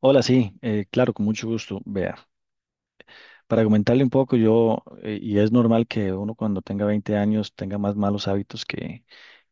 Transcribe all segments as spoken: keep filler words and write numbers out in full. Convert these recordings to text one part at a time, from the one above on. Hola, sí, eh, claro, con mucho gusto. Vea, para comentarle un poco, yo, eh, y es normal que uno cuando tenga veinte años tenga más malos hábitos que,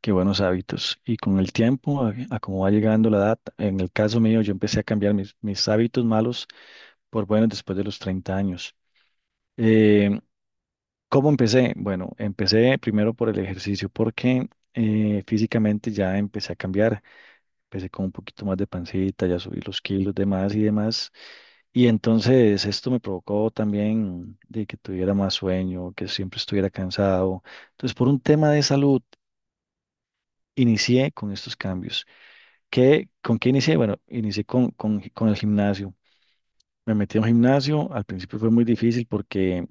que buenos hábitos. Y con el tiempo, a, a como va llegando la edad, en el caso mío, yo empecé a cambiar mis, mis hábitos malos por buenos después de los treinta años. Eh, ¿cómo empecé? Bueno, empecé primero por el ejercicio porque eh, físicamente ya empecé a cambiar. Empecé con un poquito más de pancita, ya subí los kilos, demás y demás. Y entonces esto me provocó también de que tuviera más sueño, que siempre estuviera cansado. Entonces, por un tema de salud, inicié con estos cambios. ¿Qué, con qué inicié? Bueno, inicié con, con, con el gimnasio. Me metí a un gimnasio. Al principio fue muy difícil porque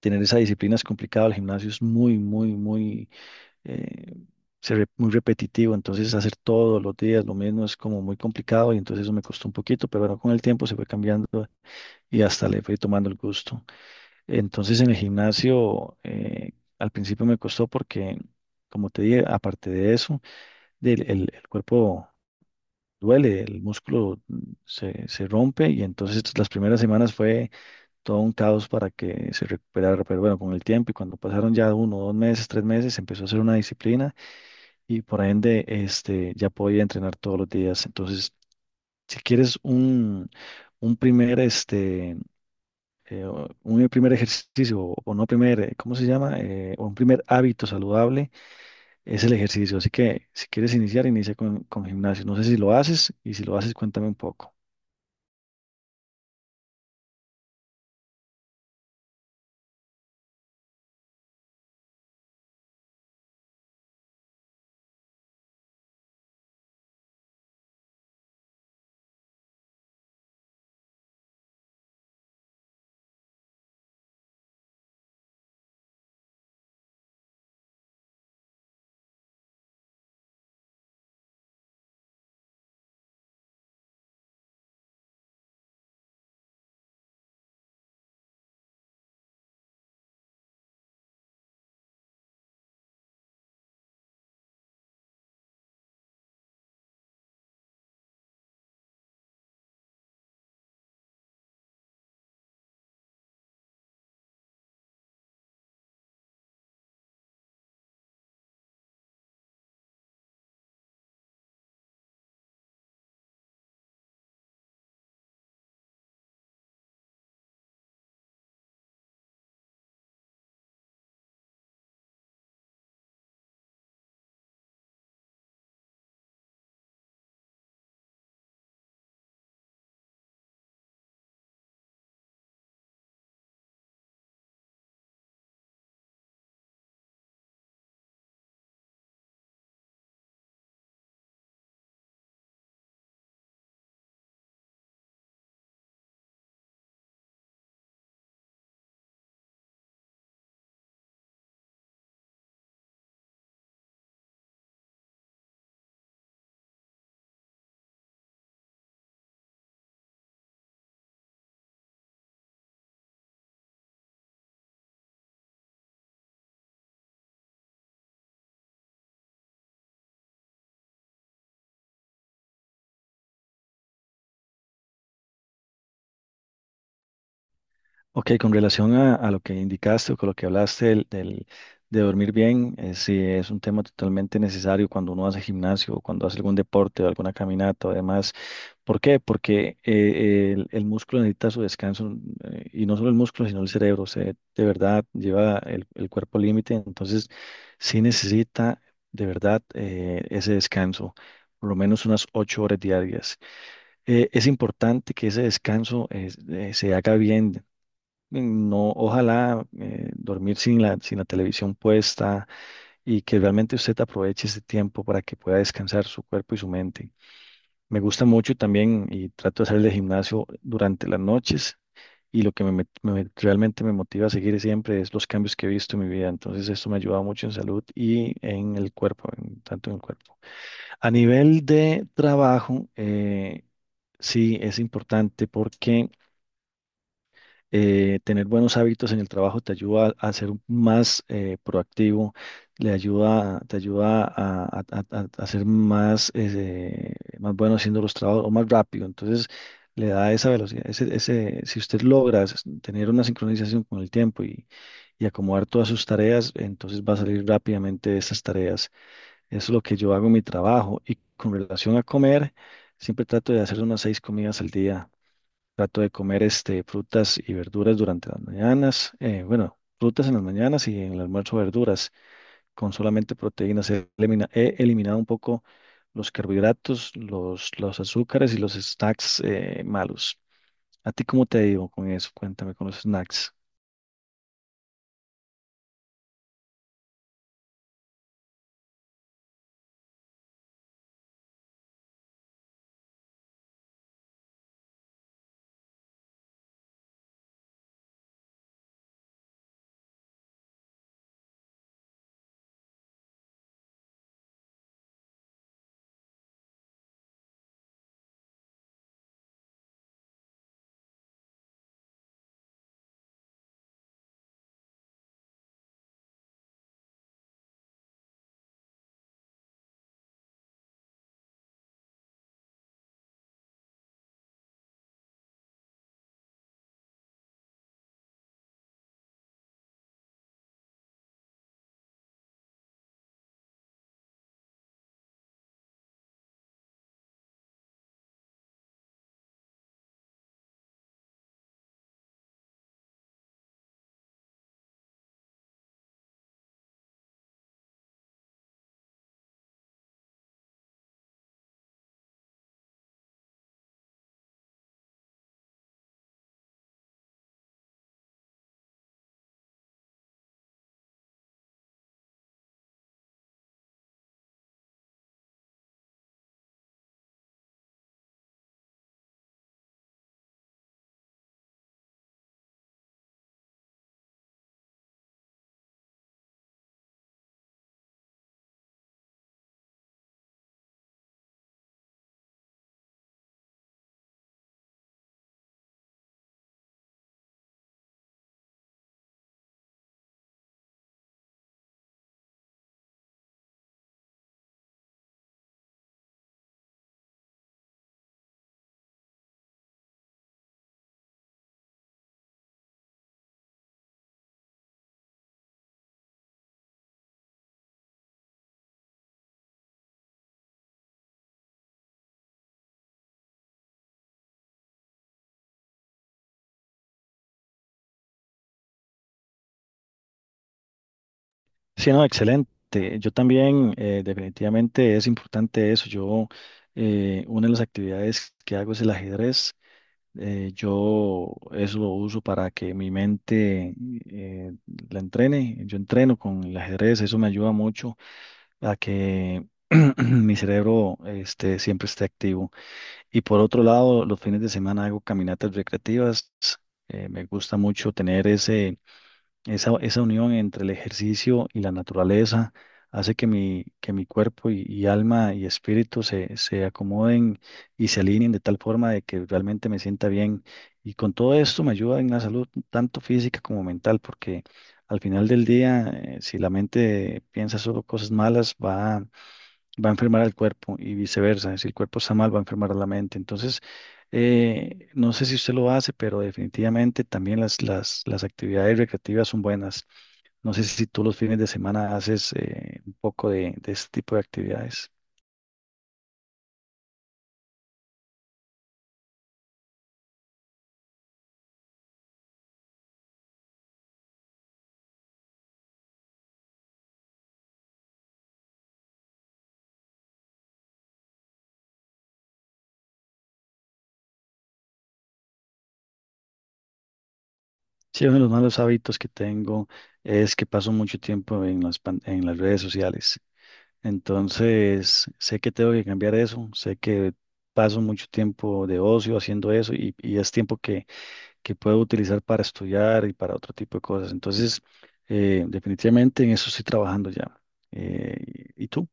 tener esa disciplina es complicado. El gimnasio es muy, muy, muy eh, se re- muy repetitivo, entonces hacer todos los días lo mismo es como muy complicado y entonces eso me costó un poquito, pero bueno, con el tiempo se fue cambiando y hasta le fui tomando el gusto. Entonces en el gimnasio eh, al principio me costó porque, como te dije, aparte de eso, del, el, el cuerpo duele, el músculo mm, se, se rompe y entonces las primeras semanas fue todo un caos para que se recuperara, pero bueno, con el tiempo y cuando pasaron ya uno, dos meses, tres meses, empezó a ser una disciplina y por ende este, ya podía entrenar todos los días. Entonces, si quieres un, un primer, este, eh, o- un primer ejercicio o o no primer, eh, ¿cómo se llama? Eh, o un primer hábito saludable es el ejercicio. Así que si quieres iniciar, inicia con, con gimnasio. No sé si lo haces y si lo haces, cuéntame un poco. Ok, con relación a, a lo que indicaste o con lo que hablaste del, del- de dormir bien, eh, sí, es un tema totalmente necesario cuando uno hace gimnasio o cuando hace algún deporte o alguna caminata o demás. ¿Por qué? Porque eh, el, el músculo necesita su descanso eh, y no solo el músculo, sino el cerebro. Se- de verdad lleva el, el cuerpo al límite, entonces sí necesita de verdad eh, ese descanso, por lo menos unas ocho horas diarias. Eh, es importante que ese descanso eh, eh, se haga bien. Mm, No, ojalá eh, dormir sin la, sin la televisión puesta y que realmente usted aproveche ese tiempo para que pueda descansar su cuerpo y su mente. Me gusta mucho también y trato de hacer el gimnasio durante las noches y lo que me, met- me met- realmente me motiva a seguir siempre es los cambios que he visto en mi vida. Entonces esto me ha ayudado mucho en salud y en el cuerpo, en- tanto en el cuerpo. A nivel de trabajo, eh, sí es importante porque eh, tener buenos hábitos en el trabajo te ayuda a ser más eh, proactivo, le ayuda, te ayuda a, a- a- a a ser más, eh, más bueno haciendo los trabajos o más rápido. Entonces, le da esa velocidad. Ese, ese, si usted logra s- tener una sincronización con el tiempo y, y acomodar todas sus tareas, entonces va a salir rápidamente de esas tareas. Eso es lo que yo hago en mi trabajo. Y con relación a comer, siempre trato de hacer unas seis comidas al día. Trato de comer este, frutas y verduras durante las mañanas. Eh, bueno, frutas en las mañanas y en el almuerzo verduras. Con solamente proteínas he elimina- he eliminado un poco los carbohidratos, los, los azúcares y los snacks eh, malos. ¿A ti cómo te ha ido con eso? Cuéntame con los snacks. Sí, no, excelente. Yo también, eh, definitivamente es importante eso. Yo, eh, una de las actividades que hago es el ajedrez. Eh, yo eso lo uso para que mi mente eh, la entrene. Yo entreno con el ajedrez, eso me ayuda mucho a que mi cerebro este, siempre esté activo. Y por otro lado, los fines de semana hago caminatas recreativas. Eh, me gusta mucho tener ese esa, esa unión entre el ejercicio y la naturaleza. Hace que mi, que mi cuerpo y, y alma y espíritu se, se acomoden y se alineen de tal forma de que realmente me sienta bien. Y con todo esto me ayuda en la salud, tanto física como mental, porque al final del día, eh, si la mente piensa solo cosas malas, va a va a enfermar al cuerpo y viceversa. Si el cuerpo está mal, va a enfermar a la mente. Entonces, eh, no sé si usted lo hace, pero definitivamente también las, las, las actividades recreativas son buenas. No sé si tú los fines de semana haces eh, un poco de, de este tipo de actividades. Sí, uno de los malos hábitos que tengo es que paso mucho tiempo en las, pan- en las redes sociales. Entonces, sé que tengo que cambiar eso, sé que paso mucho tiempo de ocio haciendo eso y, y es tiempo que que puedo utilizar para estudiar y para otro tipo de cosas. Entonces, eh, definitivamente en eso estoy trabajando ya. Eh, ¿y y tú?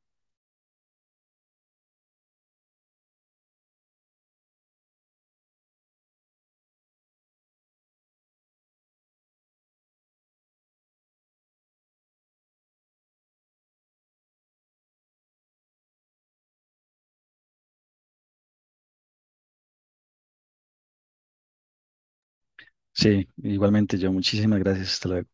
Sí, igualmente yo. Muchísimas gracias. Hasta luego.